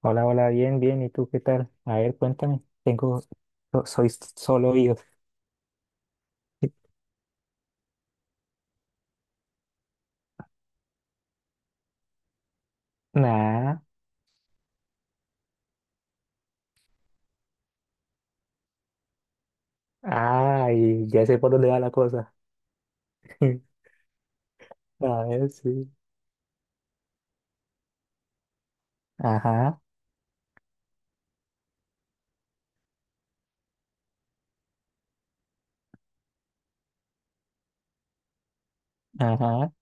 Hola, hola, bien, bien. ¿Y tú qué tal? A ver, cuéntame. Tengo, solo yo. Nah. Ay, ya sé por dónde va la cosa. A ver, sí. Ajá, ajá,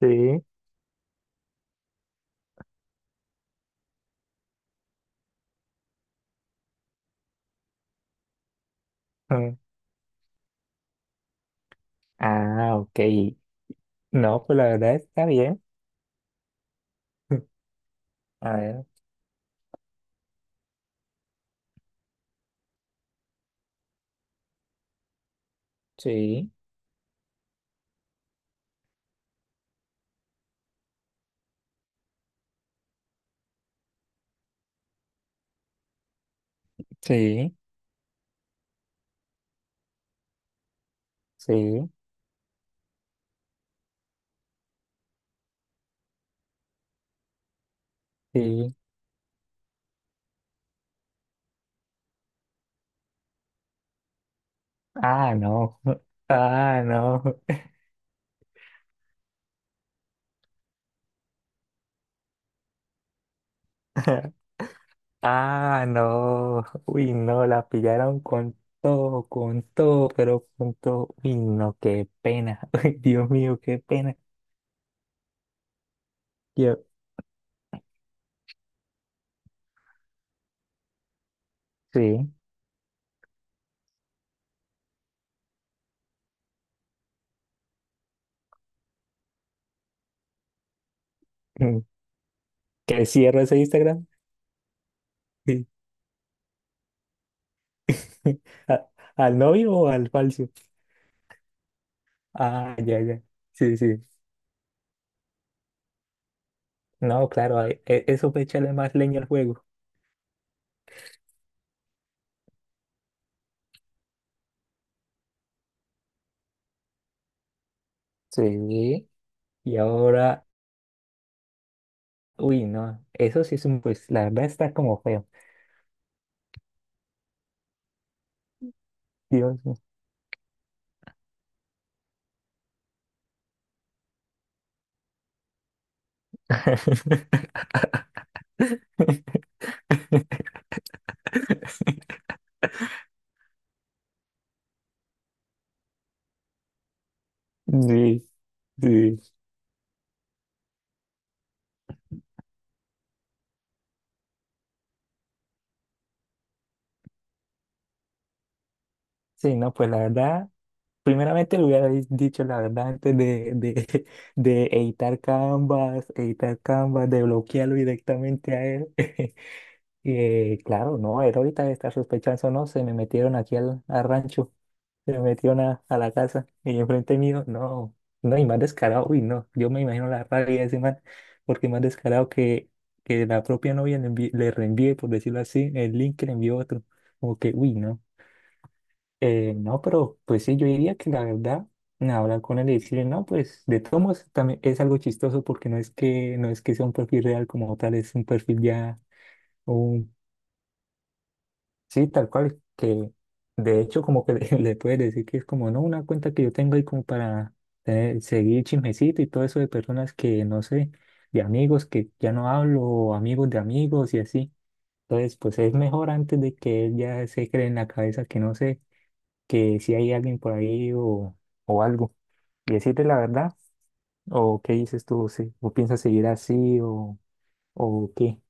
sí. Mm. Ah, ok. No, pues la verdad está bien. A ver, sí, sí, sí, sí. Ah, no. Ah, no. Ah, no. Uy, no, la pillaron con todo, pero con todo. Uy, no, qué pena. Uy, Dios mío, qué pena. Yo, sí. mm, ¿Que cierro ese Instagram? Sí. ¿A- ¿Al novio o al falso? Ah, ya, ya. Sí, sí. No, claro, eso fue echarle más leña al juego. Sí. Y ahora, uy, no. Eso sí es un, pues, la verdad está como feo. Dios mío. Sí, sí, sí, no, pues la verdad, primeramente le hubiera dicho la verdad antes de, de editar Canvas, de bloquearlo directamente a él. Claro, no, él ahorita está sospechando, no, se me metieron aquí al rancho, se me metieron a la casa y enfrente mío, no, no, y más descarado, uy, no, yo me imagino la rabia de ese man, porque más descarado que la propia novia le reenvíe, por decirlo así, el link que le envió otro, como que, uy, no. No, pero pues sí, yo diría que la verdad, nada, hablar con él y decirle, no, pues de todos modos también es algo chistoso porque no es que, no es que sea un perfil real como tal, es un perfil ya, un, sí, tal cual, que de hecho como que le puedes decir que es como, no, una cuenta que yo tengo ahí como para seguir chismecito y todo eso de personas que, no sé, de amigos que ya no hablo, o amigos de amigos y así. Entonces, pues es mejor antes de que él ya se cree en la cabeza que no sé que si hay alguien por ahí o algo y decirle la verdad o qué dices tú, si, o piensas seguir así o qué.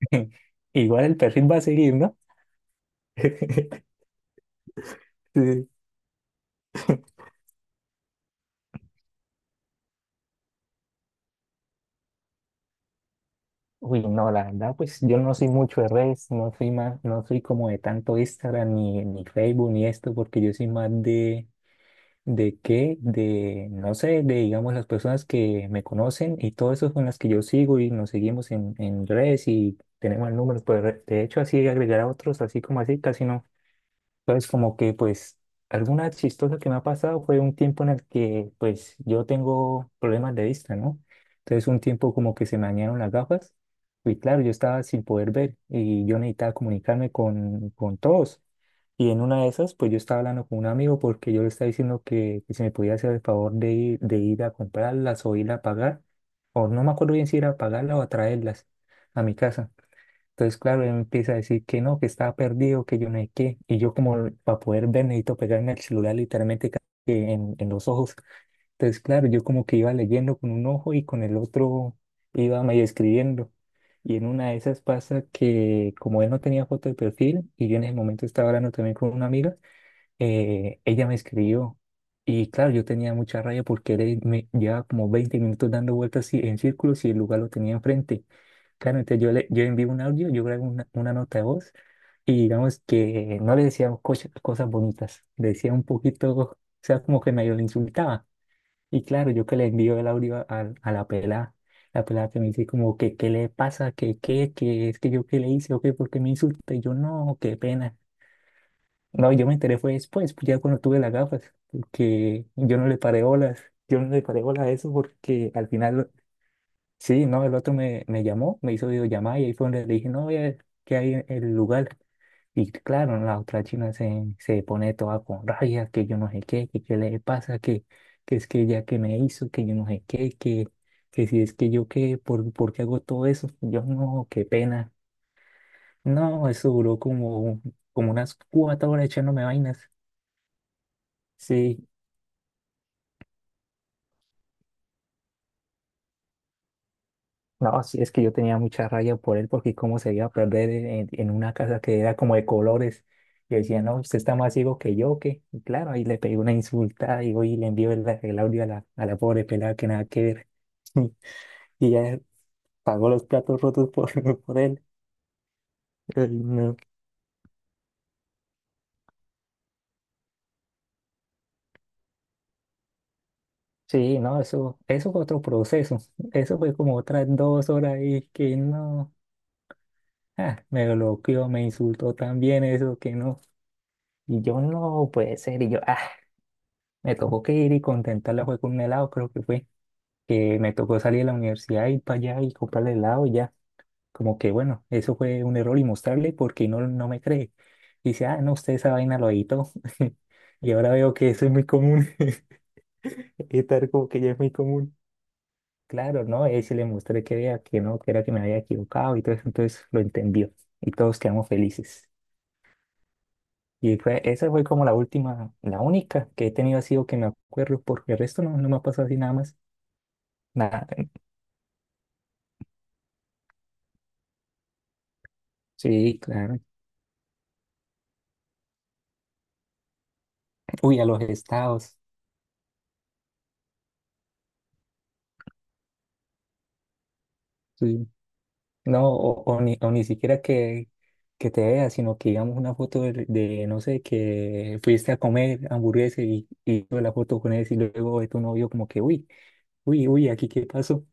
Igual el perfil va a seguir, ¿no? Sí. Uy, no, la verdad, pues yo no soy mucho de redes, no soy más, no soy como de tanto Instagram ni, ni Facebook ni esto, porque yo soy más de ¿De qué? De, no sé, de, digamos, las personas que me conocen y todo eso con las que yo sigo y nos seguimos en redes y tenemos el número, pues de hecho así agregar a otros, así como así, casi no. Entonces, como que pues alguna chistosa que me ha pasado fue un tiempo en el que pues yo tengo problemas de vista, ¿no? Entonces, un tiempo como que se me dañaron las gafas y claro, yo estaba sin poder ver y yo necesitaba comunicarme con todos. Y en una de esas, pues yo estaba hablando con un amigo porque yo le estaba diciendo que si me podía hacer el favor de ir a comprarlas o ir a pagar, o no me acuerdo bien si ir a pagarlas o a traerlas a mi casa. Entonces, claro, él me empieza a decir que no, que estaba perdido, que yo no sé qué. Y yo como para poder ver necesito pegarme el celular literalmente que en los ojos. Entonces, claro, yo como que iba leyendo con un ojo y con el otro iba medio escribiendo. Y en una de esas pasa que como él no tenía foto de perfil y yo en ese momento estaba hablando también con una amiga, ella me escribió. Y claro, yo tenía mucha rabia porque él me llevaba como 20 minutos dando vueltas así en círculos y el lugar lo tenía enfrente. Claro, entonces yo le yo envío un audio, yo grabo una nota de voz y digamos que no le decía cosas, cosas bonitas, le decía un poquito, o sea, como que medio le insultaba. Y claro, yo que le envío el audio a la pelada que me dice como que qué le pasa, que qué, que es que yo qué le hice o qué, por qué me insulta. Y yo no, qué pena. No, yo me enteré fue después, pues ya cuando tuve las gafas, porque yo no le paré bolas, yo no le paré bolas a eso porque al final sí, no, el otro me, me llamó, me hizo videollamada y ahí fue donde le dije, no, que ¿qué hay en el lugar? Y claro, la otra china se, se pone toda con rabia, que yo no sé qué, que qué le pasa, que es que ella que me hizo, que yo no sé qué, que si es que yo qué, por qué hago todo eso. Yo no, qué pena. No, eso duró como, como unas 4 horas echándome vainas. Sí. No, sí, es que yo tenía mucha rabia por él porque cómo se iba a perder en una casa que era como de colores. Y decía, no, usted está más ciego que yo, que y claro, ahí le pegué una insulta y hoy le envió el audio a la pobre pelada que nada que ver. Y ya pagó los platos rotos por, por él. Ay, no. Sí, no, eso fue otro proceso. Eso fue como otras 2 horas y que no. Ah, me bloqueó, me insultó también eso que no. Y yo no puede ser. Y yo, ah. Me tocó que ir y contentarla fue con un helado, creo que fue, que me tocó salir de la universidad, ir para allá y comprarle helado y ya. Como que bueno, eso fue un error y mostrarle porque no, no me cree. Dice, ah, no, usted esa vaina lo editó. Y ahora veo que eso es muy común, estar como que ya es muy común. Claro, ¿no? Y ahí sí le mostré que vea que no, que era que me había equivocado y todo eso, entonces lo entendió y todos quedamos felices. Y fue, esa fue como la última, la única que he tenido así o que me acuerdo, porque el resto no, no me ha pasado así nada más. Nada, sí, claro. Uy, a los estados. Sí. No, o ni siquiera que te veas, sino que digamos una foto de, no sé, que fuiste a comer hamburguesa y tuve la foto con él y luego de tu novio como que, uy, uy, uy, aquí qué pasó.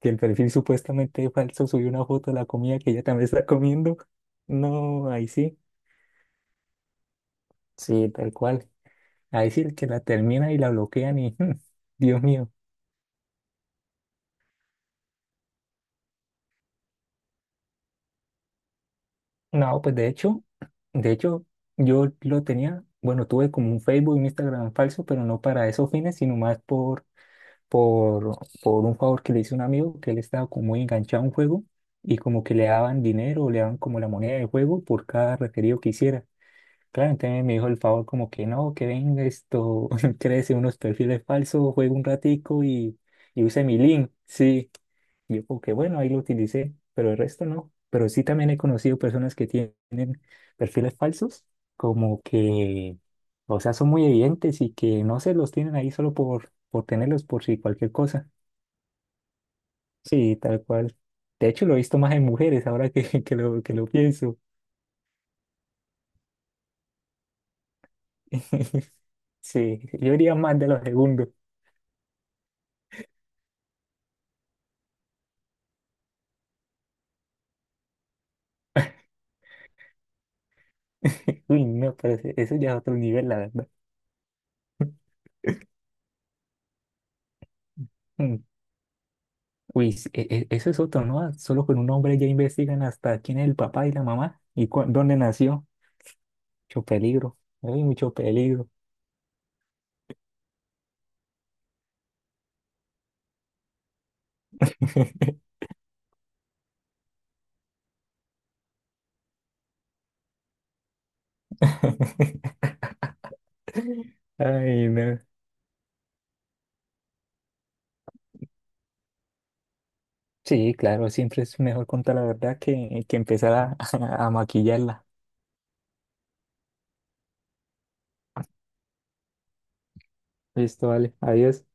Que el perfil supuestamente falso subió una foto de la comida que ella también está comiendo. No, ahí sí. Sí, tal cual. Ahí sí el que la termina y la bloquean y, Dios mío. No, pues de hecho, yo lo tenía, bueno, tuve como un Facebook y un Instagram falso, pero no para esos fines, sino más por, por un favor que le hice a un amigo, que él estaba como muy enganchado a un juego y como que le daban dinero, le daban como la moneda del juego por cada referido que hiciera. Claro, entonces me dijo el favor como que no, que venga esto, créese unos perfiles falsos, juegue un ratico y use mi link. Sí, y yo como que bueno, ahí lo utilicé, pero el resto no. Pero sí también he conocido personas que tienen perfiles falsos, como que, o sea, son muy evidentes y que no se los tienen ahí solo por tenerlos por si cualquier cosa. Sí, tal cual. De hecho, lo he visto más en mujeres ahora que, que lo pienso. Sí, yo diría más de los segundos. Uy, no, pero eso ya es otro nivel, la verdad. Mm. Uy, eso es otro, ¿no? Solo con un hombre ya investigan hasta quién es el papá y la mamá y dónde nació. Mucho peligro. Hay mucho peligro. Ay, no. Sí, claro, siempre es mejor contar la verdad que empezar a, a maquillarla. Listo, vale. Adiós.